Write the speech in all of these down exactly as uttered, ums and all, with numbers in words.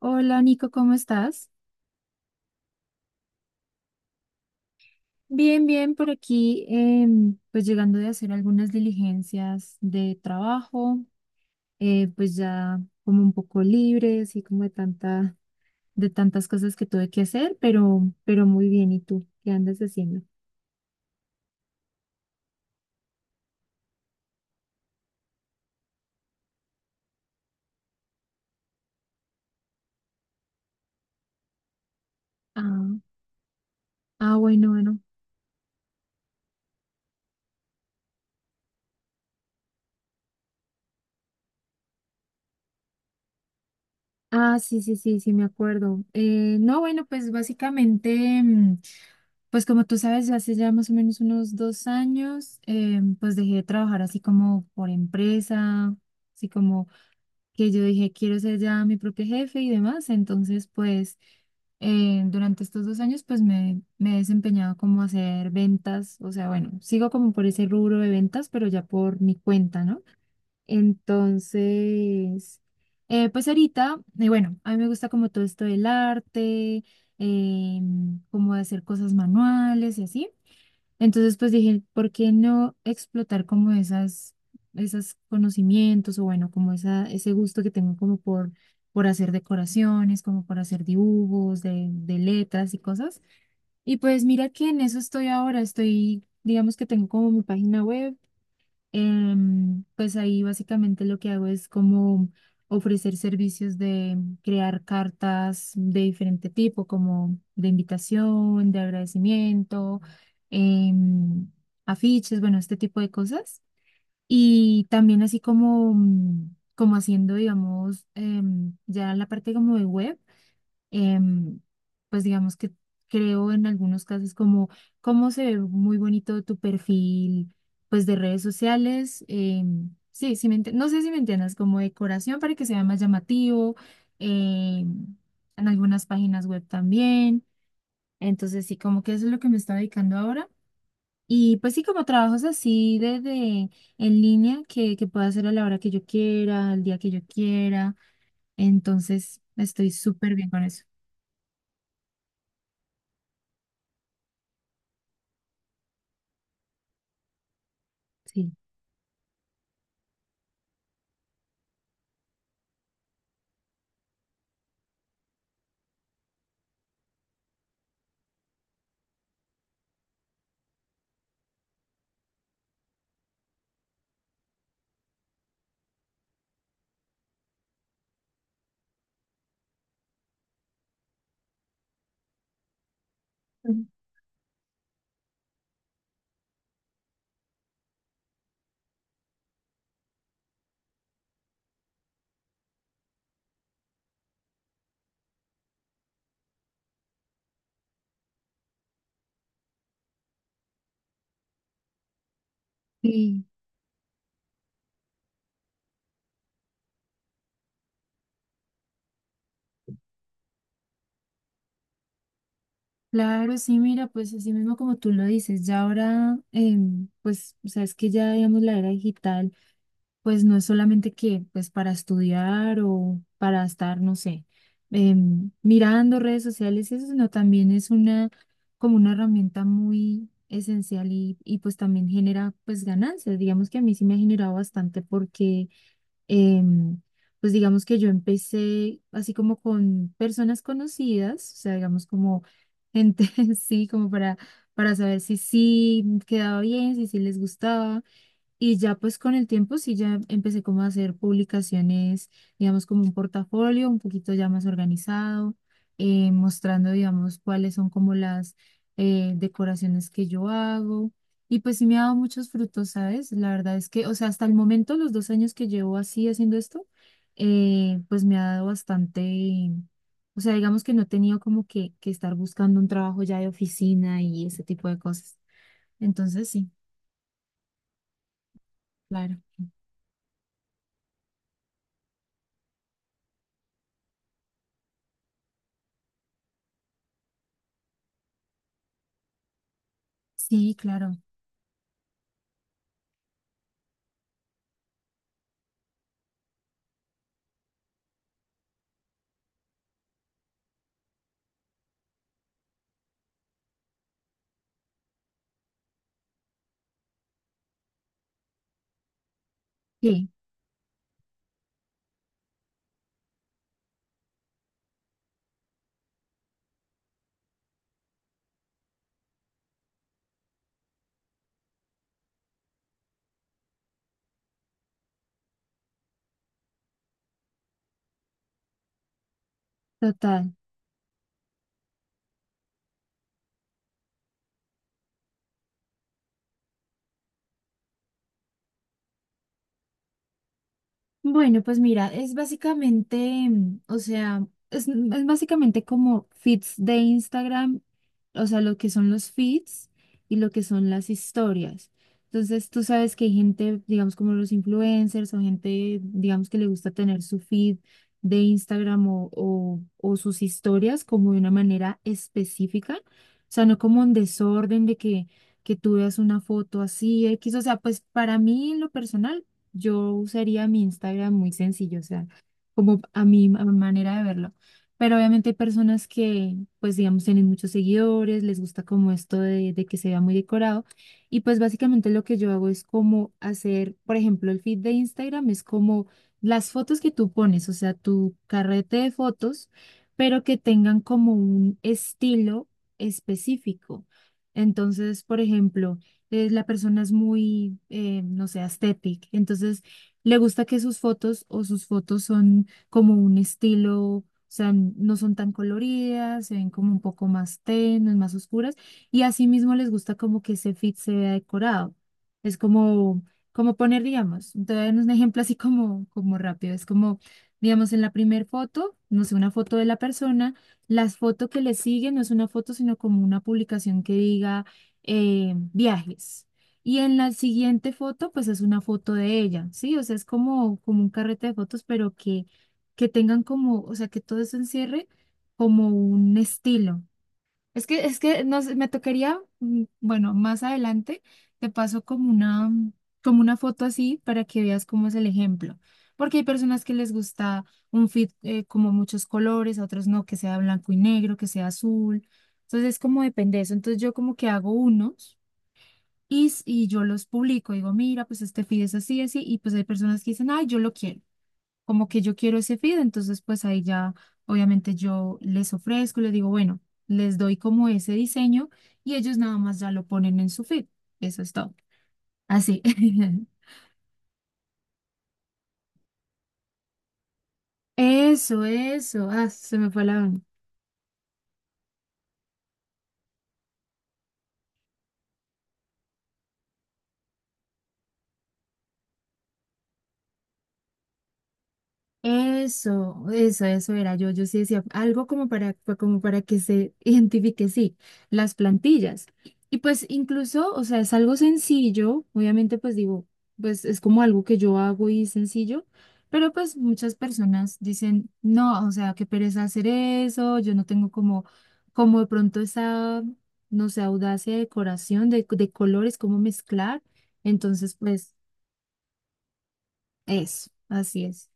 Hola Nico, ¿cómo estás? Bien, bien, por aquí, em, pues llegando de hacer algunas diligencias de trabajo, eh, pues ya como un poco libre, así como de tanta, de tantas cosas que tuve que hacer, pero, pero muy bien. ¿Y tú qué andas haciendo? Ah, ah, bueno, bueno. Ah, sí, sí, sí, sí, me acuerdo. Eh, no, bueno, pues básicamente, mm, pues como tú sabes, hace ya más o menos unos dos años, eh, pues dejé de trabajar así como por empresa, así como que yo dije, quiero ser ya mi propio jefe y demás. Entonces, pues eh, durante estos dos años, pues me, me he desempeñado como a hacer ventas, o sea, bueno, sigo como por ese rubro de ventas, pero ya por mi cuenta, ¿no? Entonces, eh, pues ahorita, eh, bueno, a mí me gusta como todo esto del arte, em, como hacer cosas manuales y así. Entonces, pues dije, ¿por qué no explotar como esas, esos conocimientos o bueno, como esa, ese gusto que tengo como por, por hacer decoraciones, como por hacer dibujos de, de letras y cosas? Y pues mira que en eso estoy ahora, estoy, digamos que tengo como mi página web, em, pues ahí básicamente lo que hago es como ofrecer servicios de crear cartas de diferente tipo, como de invitación, de agradecimiento, em, afiches, bueno, este tipo de cosas. Y también así como, mm, como haciendo, digamos, em, ya la parte como de web, em, pues digamos que creo en algunos casos como cómo se ve muy bonito tu perfil, pues de redes sociales. Em, sí, sí me ent- no sé si me entiendas, como decoración para que sea más llamativo, em, en algunas páginas web también. Entonces sí, como que eso es lo que me está dedicando ahora. Y pues sí, como trabajos así de, de- en línea que, que pueda hacer a la hora que yo quiera, al día que yo quiera. Entonces estoy súper bien con eso. Sí. Sí, claro, sí, mira, pues así mismo como tú lo dices, ya ahora, em, pues, o sea, es que ya, digamos, la era digital, pues no es solamente que, pues, para estudiar o para estar, no sé, em, mirando redes sociales, y eso, sino también es una, como una herramienta muy esencial y, y pues también genera, pues, ganancias. Digamos que a mí sí me ha generado bastante porque em, pues digamos que yo empecé así como con personas conocidas, o sea, digamos como gente, sí, como para, para saber si sí quedaba bien, si sí les gustaba. Y ya pues con el tiempo sí ya empecé como a hacer publicaciones, digamos como un portafolio un poquito ya más organizado, eh, mostrando digamos cuáles son como las eh, decoraciones que yo hago. Y pues sí me ha dado muchos frutos, ¿sabes? La verdad es que, o sea, hasta el momento, los dos años que llevo así haciendo esto, eh, pues me ha dado bastante, o sea, digamos que no he tenido como que, que estar buscando un trabajo ya de oficina y ese tipo de cosas. Entonces sí, claro. Sí, claro. Sí, total. Bueno, pues mira, es básicamente, mm, o sea, es, mm, es básicamente como feeds de Instagram, o sea, lo que son los feeds y lo que son las historias. Entonces, tú sabes que hay gente, digamos, como los influencers o gente, digamos, que le gusta tener su feed de Instagram o, o, o sus historias como de una manera específica, o sea, no como en desorden de que, que tú veas una foto así, X, o sea, pues para mí en lo personal. Yo usaría mi Instagram muy sencillo, o sea, como a mi ma- manera de verlo. Pero obviamente hay personas que, pues digamos, tienen muchos seguidores, les gusta como esto de, de que se vea muy decorado. Y pues básicamente lo que yo hago es como hacer, por ejemplo, el feed de Instagram es como las fotos que tú pones, o sea, tu carrete de fotos, pero que, tengan como un estilo específico. Entonces, por ejemplo, eh, la persona es muy, eh, no sé, aesthetic, entonces le gusta que sus fotos o sus fotos son como un estilo, o sea, n- no son tan coloridas, se ven como un poco más tenues, más oscuras, y asimismo les gusta como que ese feed se vea decorado. Es como, como poner, digamos, te voy a dar un ejemplo así como, como rápido, es como, digamos, en la primera foto, no sé, una foto de la persona, las fotos que le siguen no es una foto, sino como una publicación que diga eh, viajes. Y en la siguiente foto, pues es una foto de ella, ¿sí? O sea, es como, como un carrete de fotos, pero que, que tengan como, o sea, que todo eso encierre como un estilo. Es que, es que no sé, me tocaría, mm, bueno, más adelante te paso como una, como una foto así para que veas cómo es el ejemplo. Porque hay personas que les gusta un fit eh, como muchos colores, a otros no, que sea blanco y negro, que sea azul. Entonces, como depende de eso. Entonces, yo como que hago unos y, s- y yo los publico, digo, mira, pues este feed es así, así, y pues hay personas que dicen, ay, yo lo quiero, como que yo quiero ese feed, entonces pues ahí ya, obviamente yo les ofrezco, les digo, bueno, les doy como ese diseño y ellos nada más ya lo ponen en su feed, eso es todo, así. Eso, eso, ah, se me fue la... Eso, eso, eso era yo. Yo sí decía algo como para, pa- como para que se identifique, sí, las plantillas. Y pues incluso, o sea, es algo sencillo, obviamente pues digo, pues es como algo que yo hago y es sencillo, pero pues muchas personas dicen, no, o sea, qué pereza hacer eso, yo no tengo como, como de pronto esa, no sé, audacia de decoración, de, de colores, cómo mezclar. Entonces, pues eso, así es.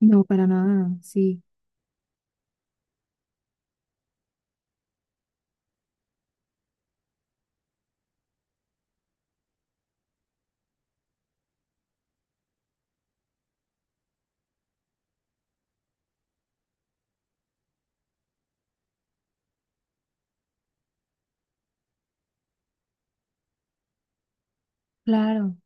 No, para nada, sí. Claro,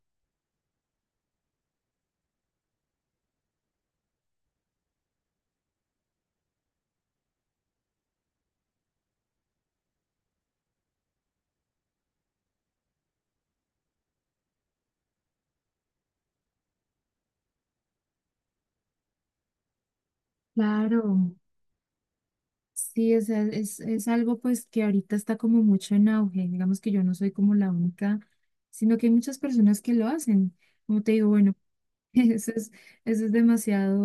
claro. Sí, o sea, es, es algo pues que ahorita está como mucho en auge. Digamos que yo no soy como la única, sino que hay muchas personas que lo hacen. Como te digo, bueno, Eso es, eso es demasiado,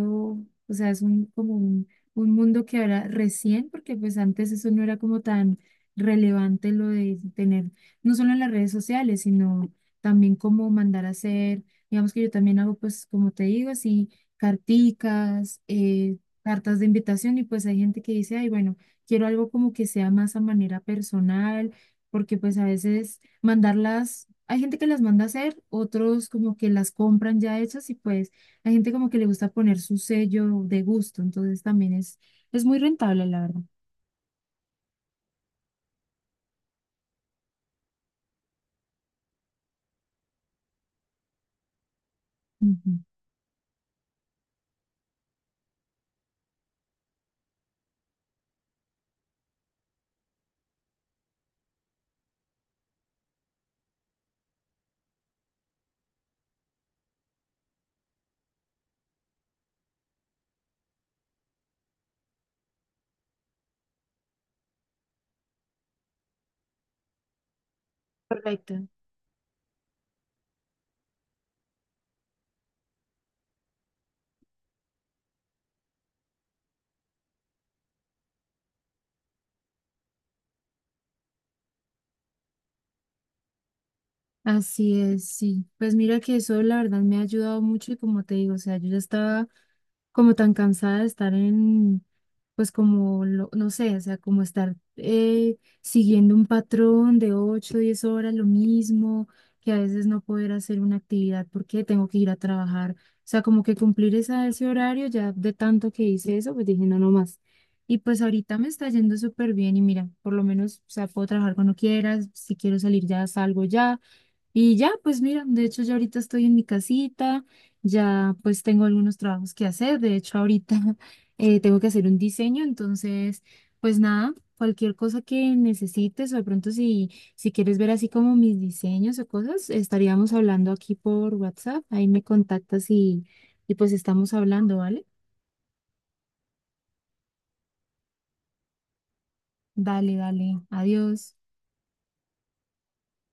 o sea, es un, como un, un mundo que ahora recién, porque pues antes eso no era como tan relevante lo de tener, no solo en las redes sociales, sino también como mandar a hacer, digamos que yo también hago pues, como te digo, así, carticas, eh, cartas de invitación y pues hay gente que dice, ay, bueno, quiero algo como que sea más a manera personal, porque pues a veces mandarlas, hay gente que las manda a hacer, otros como que las compran ya hechas y pues hay gente como que le gusta poner su sello de gusto, entonces también es, es muy rentable, la verdad. Ujú. Correcto. Así es, sí. Pues mira que eso la verdad me ha ayudado mucho y como te digo, o sea, yo ya estaba como tan cansada de estar en, pues como, lo, no sé, o sea, como estar eh, siguiendo un patrón de ocho diez horas, lo mismo, que a veces no poder hacer una actividad porque tengo que ir a trabajar. O sea, como que cumplir esa, ese horario, ya de tanto que hice eso, pues dije, no, no más. Y pues ahorita me está yendo súper bien y mira, por lo menos, o sea, puedo trabajar cuando quiera, si quiero salir ya salgo ya, y ya, pues mira, de hecho yo ahorita estoy en mi casita, ya pues tengo algunos trabajos que hacer, de hecho ahorita eh, tengo que hacer un diseño, entonces pues nada, cualquier cosa que necesites o de pronto si, si quieres ver así como mis diseños o cosas, estaríamos hablando aquí por WhatsApp, ahí me contactas y, y pues estamos hablando, ¿vale? Dale, dale, adiós.